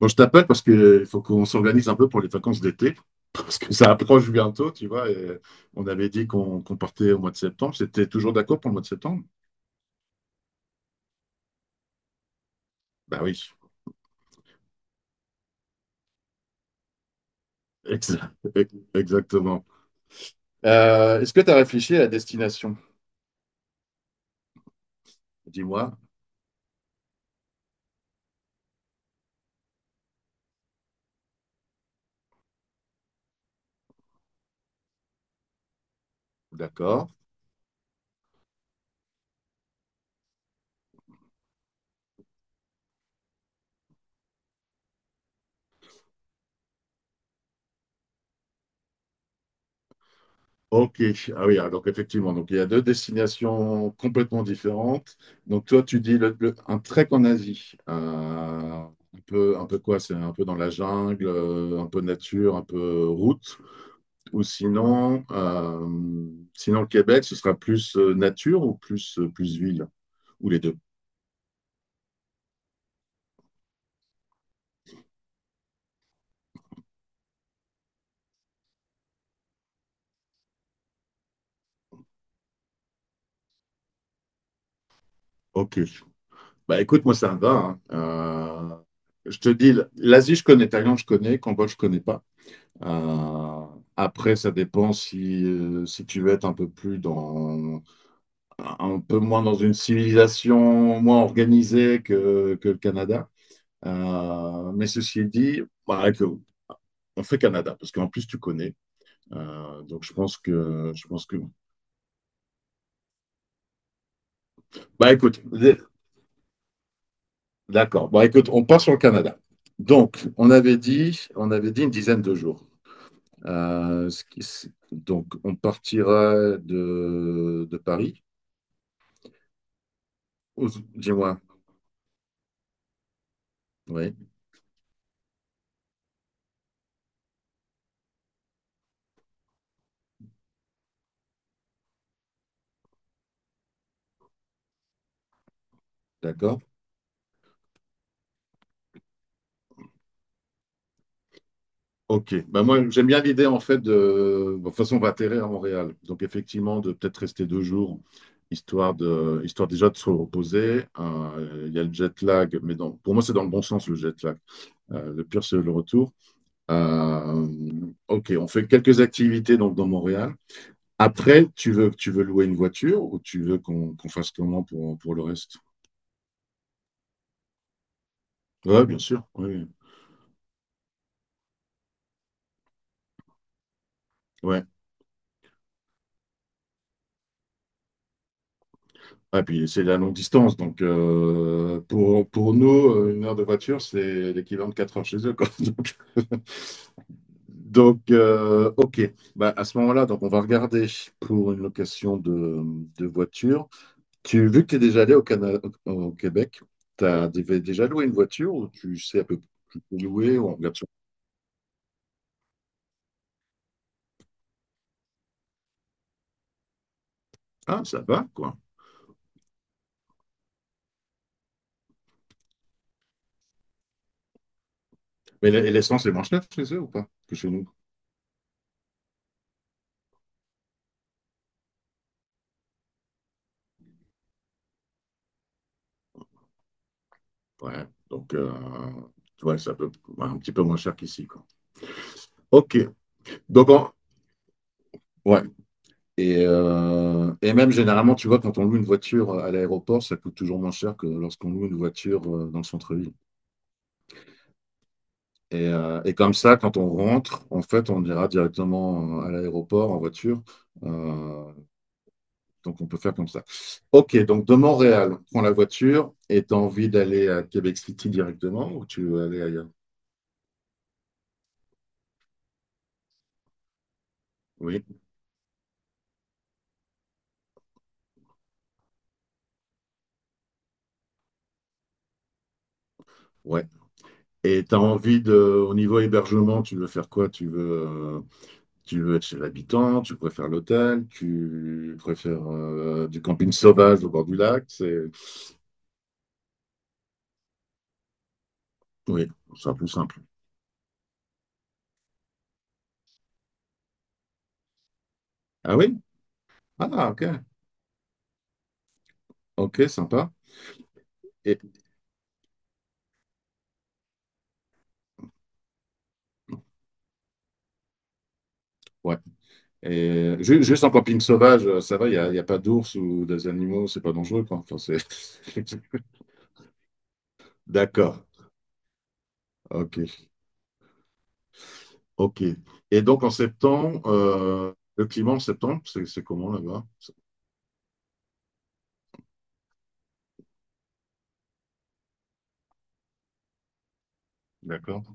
Bon, je t'appelle parce que il faut qu'on s'organise un peu pour les vacances d'été, parce que ça approche bientôt, tu vois. Et on avait dit qu'on partait au mois de septembre. C'était toujours d'accord pour le mois de septembre? Bah oui, ex- exactement. Est-ce que tu as réfléchi à la destination? Dis-moi. D'accord. Ok. Ah oui, alors effectivement, donc il y a deux destinations complètement différentes. Donc toi, tu dis un trek en Asie. Un peu, un peu quoi? C'est un peu dans la jungle, un peu nature, un peu route. Ou sinon, sinon le Québec, ce sera plus nature ou plus, plus ville, ou les deux. Ok. Bah écoute, moi ça me va, hein. Je te dis, l'Asie, je connais, Thaïlande, je connais, Cambodge, je connais pas. Euh, après, ça dépend si, si tu veux être un peu plus dans, un peu moins dans une civilisation moins organisée que le Canada. Mais ceci dit, bah, que- on fait Canada, parce qu'en plus tu connais. Donc je pense que bah écoute, d'accord, bon écoute, on part sur le Canada. Donc on avait dit, on avait dit une dizaine de jours. Donc on partira de Paris. Ou- Dis-moi. Oui. D'accord. Ok, bah moi j'aime bien l'idée en fait de... bon, de toute façon on va atterrir à Montréal, donc effectivement de peut-être rester deux jours, histoire de... histoire déjà de se reposer. Il y a le jet lag, mais dans... pour moi c'est dans le bon sens le jet lag. Le pire c'est le retour. Ok, on fait quelques activités donc dans Montréal. Après, tu veux louer une voiture ou tu veux qu'on fasse comment pour le reste? Ouais, bien sûr. Oui. Ouais. Ah, puis c'est la longue distance, donc pour nous, une heure de voiture, c'est l'équivalent de quatre heures chez eux, quoi. Donc, ok. Bah, à ce moment-là, donc on va regarder pour une location de voiture. Tu, vu que tu es déjà allé au, au au Québec, tu as déjà loué une voiture ou tu sais à peu près où tu peux louer ou on regarde sur- Ah, ça va, quoi. Mais l'essence est moins chère chez eux ou pas que chez nous? Ouais, donc ouais, ça peut un petit peu moins cher qu'ici, quoi. Ok, Donc, en- ouais. Et même généralement, tu vois, quand on loue une voiture à l'aéroport, ça coûte toujours moins cher que lorsqu'on loue une voiture dans le centre-ville. Et comme ça, quand on rentre, en fait, on ira directement à l'aéroport en voiture. Euh, donc, on peut faire comme ça. OK, donc de Montréal, on prend la voiture et tu as envie d'aller à Québec City directement ou tu veux aller ailleurs? Oui, ouais. Et tu as envie de, au niveau hébergement, tu veux faire quoi? Tu veux tu veux être chez l'habitant, tu préfères l'hôtel, tu préfères du camping sauvage au bord du lac. C'est... Oui, c'est un peu simple. Ah oui? Ah, ok. Ok, sympa. Et, ouais. Et juste en camping sauvage, ça va, il n'y a, y a pas d'ours ou des animaux, c'est pas dangereux, quoi. Enfin, c'est... D'accord. Ok. Ok. Et donc en septembre, le climat en septembre, c'est comment là-bas? D'accord.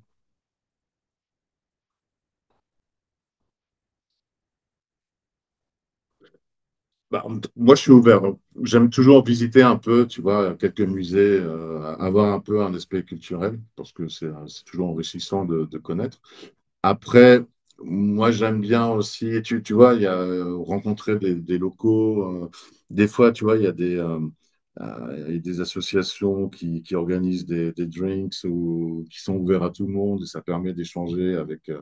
Bah, moi, je suis ouvert. J'aime toujours visiter un peu, tu vois, quelques musées, avoir un peu un aspect culturel, parce que c'est toujours enrichissant de connaître. Après, moi, j'aime bien aussi, tu vois, il y a rencontrer des locaux. Des fois, tu vois, il y a des, il y a des associations qui organisent des drinks ou qui sont ouverts à tout le monde, et ça permet d'échanger avec,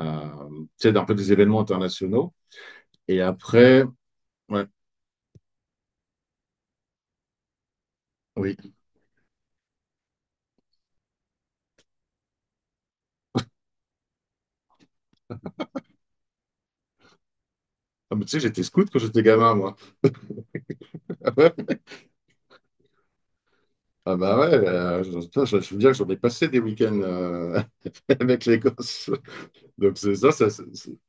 euh, tu sais, un peu des événements internationaux. Et après, ouais, oui. Ah, mais tu sais, j'étais scout quand j'étais gamin, moi. Ah ouais? Ah bah ouais, je, putain, je veux dire que j'en ai passé des week-ends avec les gosses. Donc c'est ça, ça,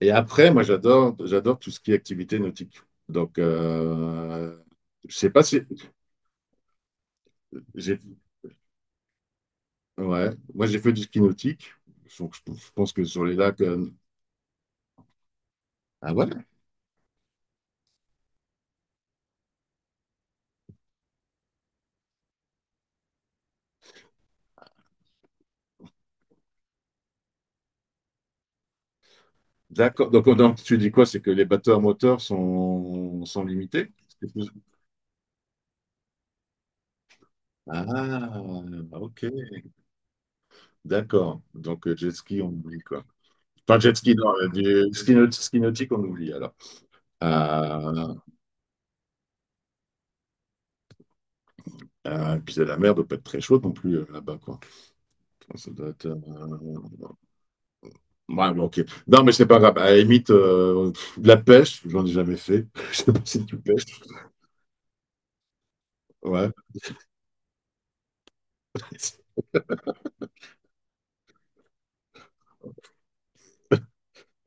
Et après, moi, j'adore, j'adore tout ce qui est activité nautique. Donc, je sais pas si j'ai, ouais, moi j'ai fait du ski nautique. Donc, je pense que sur les lacs. Ah ouais? D'accord. Donc, tu dis quoi? C'est que les bateaux à moteur sont, sont limités? C'est plus- Ah, ok. D'accord. Donc, jet ski, on oublie quoi. Enfin, jet ski, non, ski nautique, on oublie alors. Euh, et puis la mer doit pas être très chaude non plus là-bas, quoi. Ça doit être. Ouais, bon, ok. Non, mais c'est pas grave. À la limite, de la pêche, j'en ai jamais fait. Je sais pas si tu pêches. Ouais.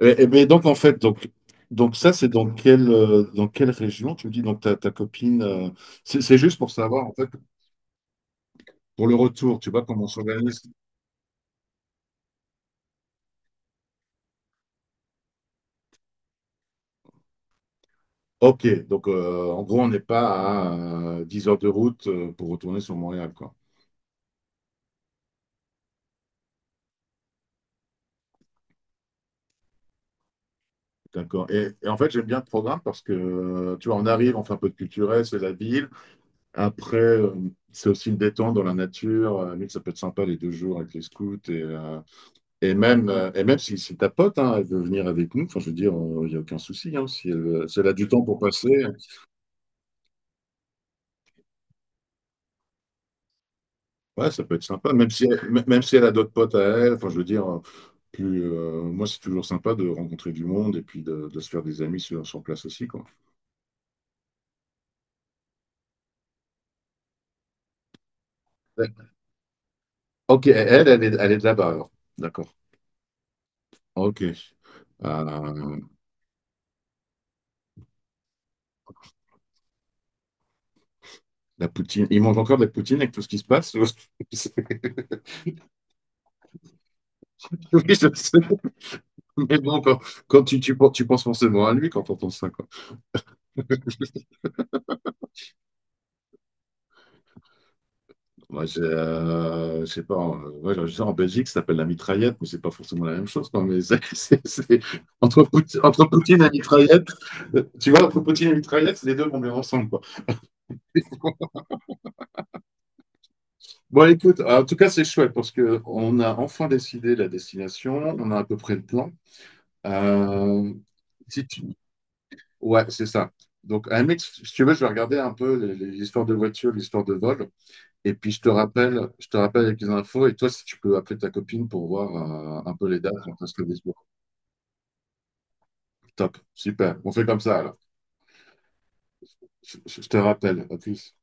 Et mais donc, en fait, donc ça, c'est dans quelle région? Tu me dis, donc ta, ta copine. C'est c'est juste pour savoir, en fait, pour le retour, tu vois, comment on s'organise. Ok, donc en gros, on n'est pas à 10 heures de route pour retourner sur Montréal, quoi. D'accord. Et en fait, j'aime bien le programme parce que, tu vois, on arrive, on fait un peu de culturel, c'est la ville. Après, c'est aussi une détente dans la nature. Limite, ça peut être sympa les deux jours avec les scouts. Et même si, si ta pote, hein, elle veut venir avec nous, enfin, je veux dire, il n'y a aucun souci, hein. Si elle, si elle a du temps pour passer. Ouais, ça peut être sympa, même si, même si elle a d'autres potes à elle. Enfin, je veux dire, plus, moi, c'est toujours sympa de rencontrer du monde et puis de se faire des amis sur, sur place aussi, quoi. Ouais. Ok, elle, elle est de là-bas, alors. D'accord. Ok. La poutine. Ils mangent encore de la poutine avec tout ce qui se passe? Ou- Oui, je sais. Mais bon, quand, quand tu, tu penses forcément à lui quand on entends ça. Moi, j'ai, je sais pas, ouais, je sais, en Belgique, ça s'appelle la mitraillette, mais c'est pas forcément la même chose, quoi, mais c'est, entre Poutine et mitraillette, tu vois, entre Poutine et mitraillette, les deux vont bien ensemble, quoi. Bon, écoute, en tout cas, c'est chouette parce que on a enfin décidé la destination, on a à peu près le plan. Euh, si tu- Ouais, c'est ça. Donc, à la limite, si tu veux, je vais regarder un peu l'histoire de voiture, l'histoire de vol. Et puis, je te rappelle avec les infos. Et toi, si tu peux appeler ta copine pour voir un peu les dates, parce que Lisbonne. Top, super. On fait comme ça alors. Je te rappelle. À plus.